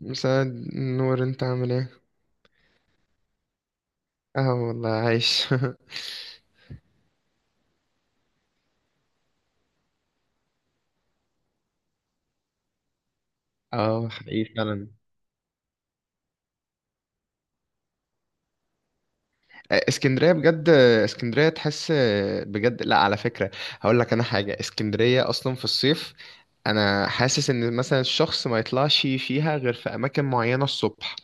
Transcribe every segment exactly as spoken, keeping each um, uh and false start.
مساعد نور، انت عامل ايه؟ اه والله عايش اه حقيقي فعلا. آه، اسكندرية بجد. اسكندرية تحس، بجد. لا، على فكرة، هقول لك انا حاجة. اسكندرية اصلا في الصيف، انا حاسس ان مثلا الشخص ما يطلعش فيها غير في اماكن معينة الصبح.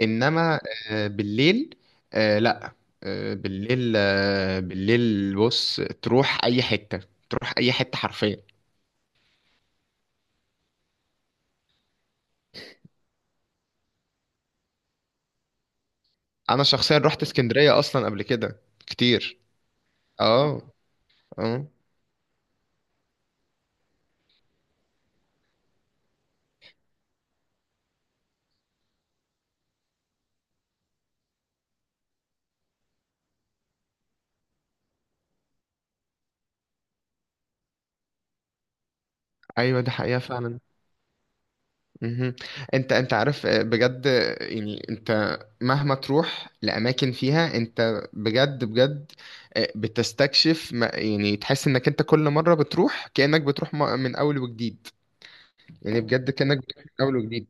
انما آه، بالليل. آه، لا، آه، بالليل، آه، بالليل بص تروح اي حتة، تروح اي حتة حرفيا. انا شخصيا رحت اسكندرية اصلا قبل كده كتير. اه اه، ايوه دي حقيقة فعلا. مهم. انت انت عارف، آه، بجد، آه، يعني انت مهما تروح لاماكن فيها انت بجد بجد آه، بتستكشف، ما- يعني تحس انك انت كل مرة بتروح كأنك بتروح م- من اول وجديد، يعني بجد كأنك بتروح من اول وجديد.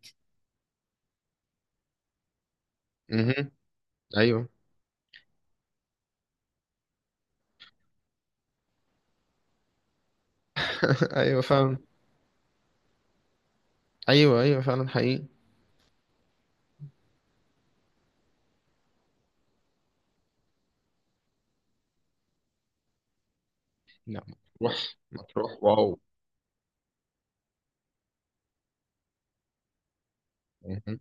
مهم. ايوه. ايوه فعلا. ايوه ايوه فعلا حقيقي. لا، مطروح مطروح واو. مهم.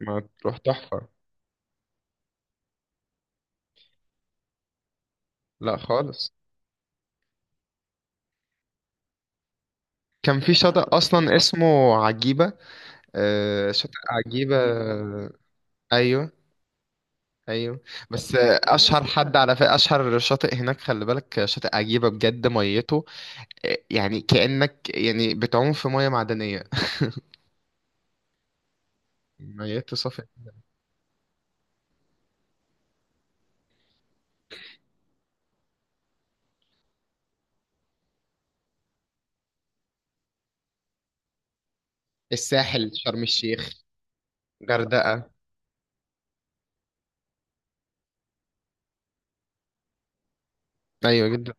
مطروح تحفة. لا خالص. كان في شاطئ اصلا اسمه عجيبة، آه، شاطئ عجيبة. أيوه. أيوه. بس آه، أشهر حد على فكرة، أشهر شاطئ هناك، خلي بالك، آه، شاطئ عجيبة بجد ميته، آه، يعني كأنك يعني بتعوم في مية معدنية. ميته صافية. الساحل، شرم الشيخ، غردقة. أيوه جدا.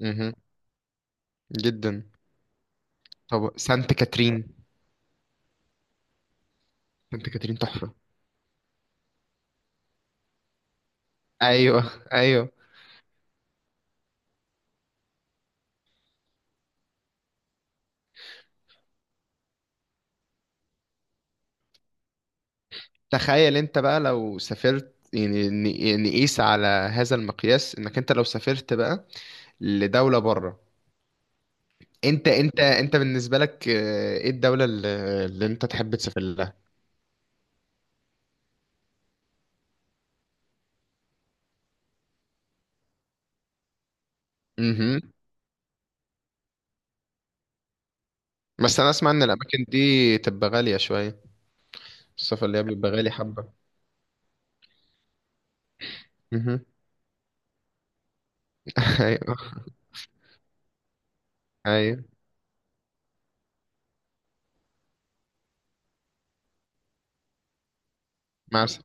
مه. جدا. طب سانت كاترين. سانت كاترين تحفة. أيوه. أيوه. تخيل أنت بقى لو سافرت يعني، ن- نقيس على هذا المقياس، إنك أنت لو سافرت بقى لدولة بره. انت انت انت بالنسبه لك، آه، ايه الدوله اللي، اللي انت تحب تسافر لها؟ امم. بس انا اسمع ان الاماكن دي تبقى غاليه شويه. السفر اللي هي بيبقى غالي حبه. امم. ايوه. ايوه مثلا.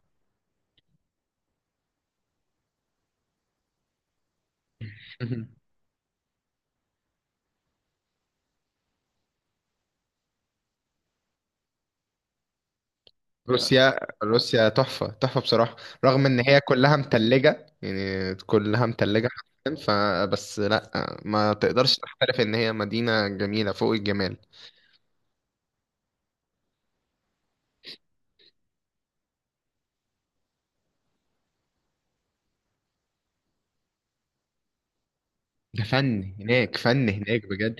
مهم. روسيا، روسيا تحفه تحفه بصراحه. رغم ان هي كلها متلجه، يعني كلها متلجه حرفيا، فبس لا، ما تقدرش تختلف ان هي مدينه جميله فوق الجمال. ده فن هناك، فن هناك بجد.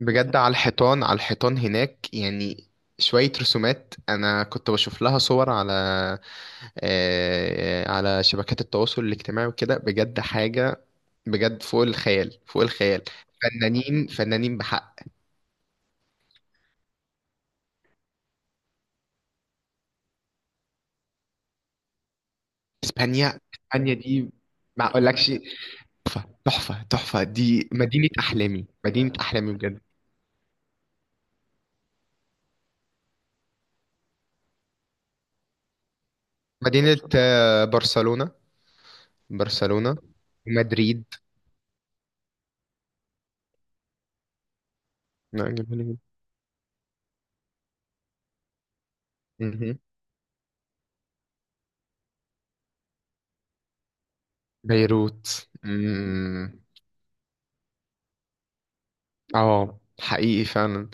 بجد على الحيطان، على الحيطان هناك، يعني شوية رسومات أنا كنت بشوف لها صور على، آه، على شبكات التواصل الاجتماعي وكده، بجد حاجة بجد فوق الخيال، فوق الخيال. فنانين فنانين بحق. إسبانيا، إسبانيا دي ما أقولكش. تحفة تحفة تحفة، دي مدينة أحلامي، مدينة أحلامي بجد. مدينة آه، برشلونة. برشلونة، مدريد. لا، جميلة جدا. مهم. بيروت. مم. اه حقيقي فعلا.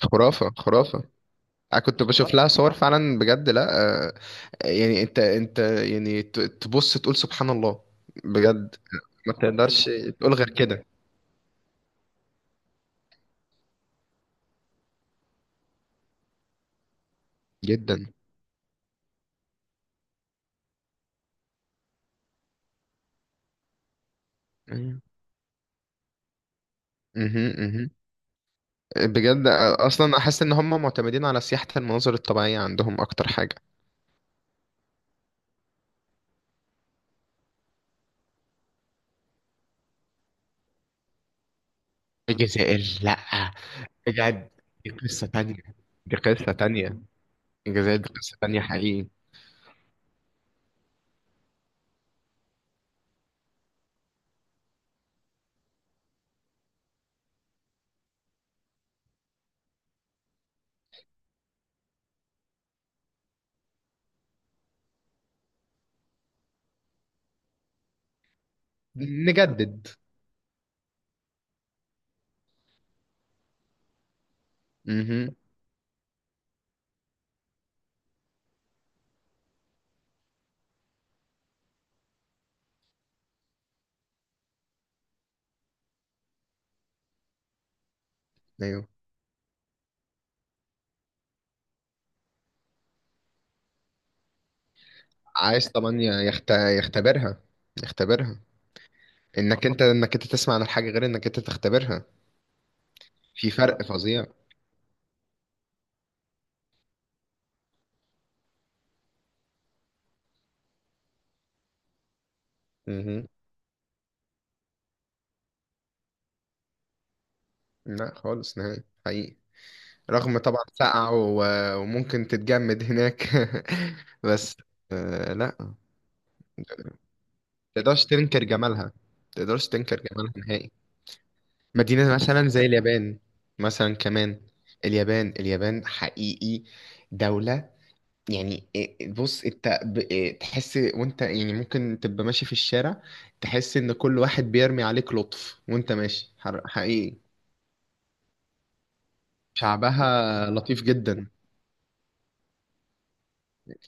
خرافة خرافة. انا كنت بشوف لها صور فعلا بجد. لا، آه، يعني انت انت يعني ت- تبص تقول سبحان الله بجد. ما تقدرش تقول غير كده. جدا. ايوه. مهم، مهم. بجد، آه، اصلا احس ان هم معتمدين على سياحة المناظر الطبيعية عندهم اكتر حاجة. الجزائر، لا بجد. دي قصة تانية. دي قصة تانية. الجزائر دي قصة تانية حقيقي. نجدد. مهم. ايوه. عايز طبعا ي- يخت... يختبرها، يختبرها. انك انت انك انت تسمع عن الحاجه غير انك انت تختبرها. في فرق فظيع. مهم. لا خالص نهائي حقيقي. رغم طبعا سقعة، و- وممكن تتجمد هناك بس آه، لا، ما تقدرش تنكر جمالها، ما تقدرش تنكر جمالها نهائي. مدينة مثلا زي اليابان، مثلا كمان. اليابان اليابان حقيقي دولة، يعني إيه- إيه، بص انت ب- إيه، تحس وانت يعني ممكن تبقى ماشي في الشارع، تحس ان كل واحد بيرمي عليك لطف وانت ماشي، حر- حقيقي. شعبها لطيف جدا.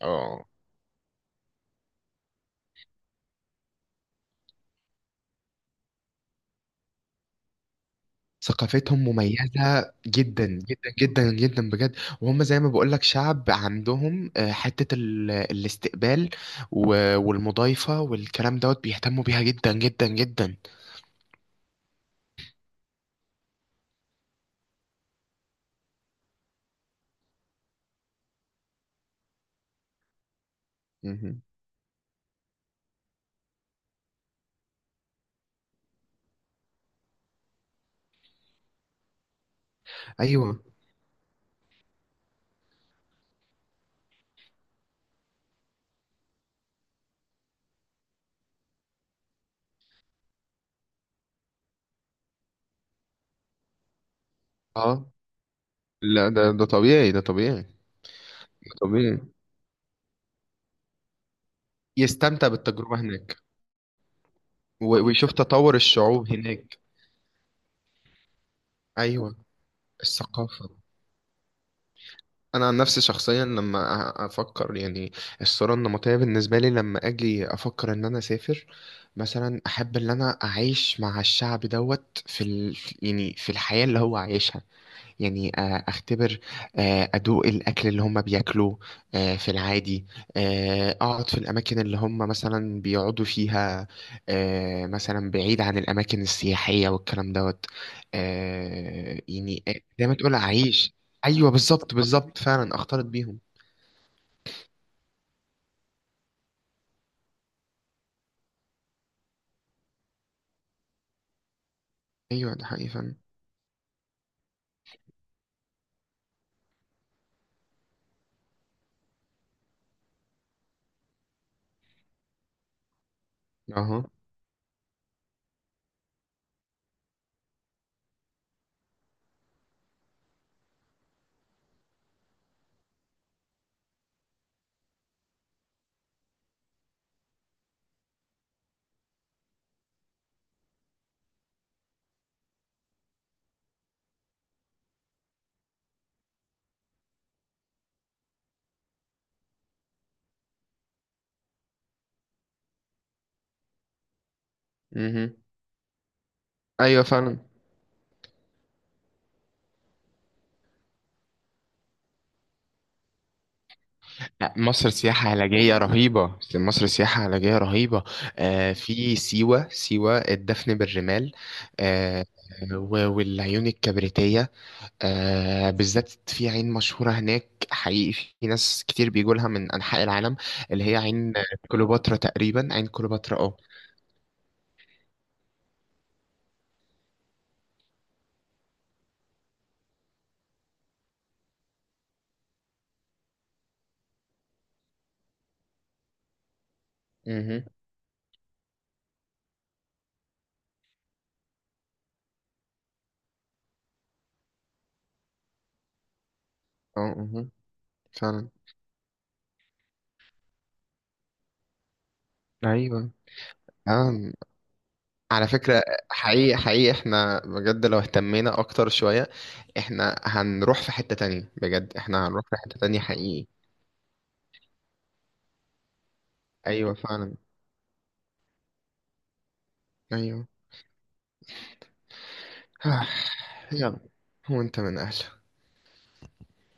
اه. ثقافتهم مميزة جدا جدا جدا جدا بجد. وهم زي ما بقولك شعب عندهم، آه، حتة ال- الاستقبال و- والمضايفة والكلام دوت، بيهتموا بيها جدا جدا جدا. مهم. ايوه. اه. لا ده ده طبيعي، ده طبيعي. ده طبيعي، يستمتع بالتجربة هناك و- ويشوف تطور الشعوب هناك. أيوة. الثقافة. أنا عن نفسي شخصيا لما أ- أفكر يعني، الصورة النمطية بالنسبة لي لما أجي أفكر إن أنا أسافر، مثلا أحب إن أنا أعيش مع الشعب دوت في ال... يعني في الحياة اللي هو عايشها، يعني آه، اختبر، آه، ادوق الاكل اللي هم بياكلوه آه، في العادي، آه، اقعد في الاماكن اللي هم مثلا بيقعدوا فيها، آه، مثلا بعيد عن الاماكن السياحيه والكلام دوت، آه، يعني آه، زي ما تقول اعيش. ايوه بالظبط، بالظبط فعلا اختلط بيهم. ايوه ده حقيقي فعلا. اها. مهم. ايوه فعلا. لا، مصر سياحة علاجية رهيبة، مصر سياحة علاجية رهيبة. آه في سيوة، سيوة الدفن بالرمال، آه و- والعيون الكبريتية، آه بالذات في عين مشهورة هناك حقيقي، في ناس كتير بيجوا لها من أنحاء العالم، اللي هي عين كليوباترا تقريبا، عين كليوباترا. اه. مهم. اه. مهم. فعلا. أيوة. آه. على فكرة، حقيقي حقيقي احنا بجد لو اهتمينا اكتر شوية، احنا هنروح في حتة تانية بجد، احنا هنروح في حتة تانية حقيقي. ايوه فعلا. ايوه. يلا. هو انت من اهله؟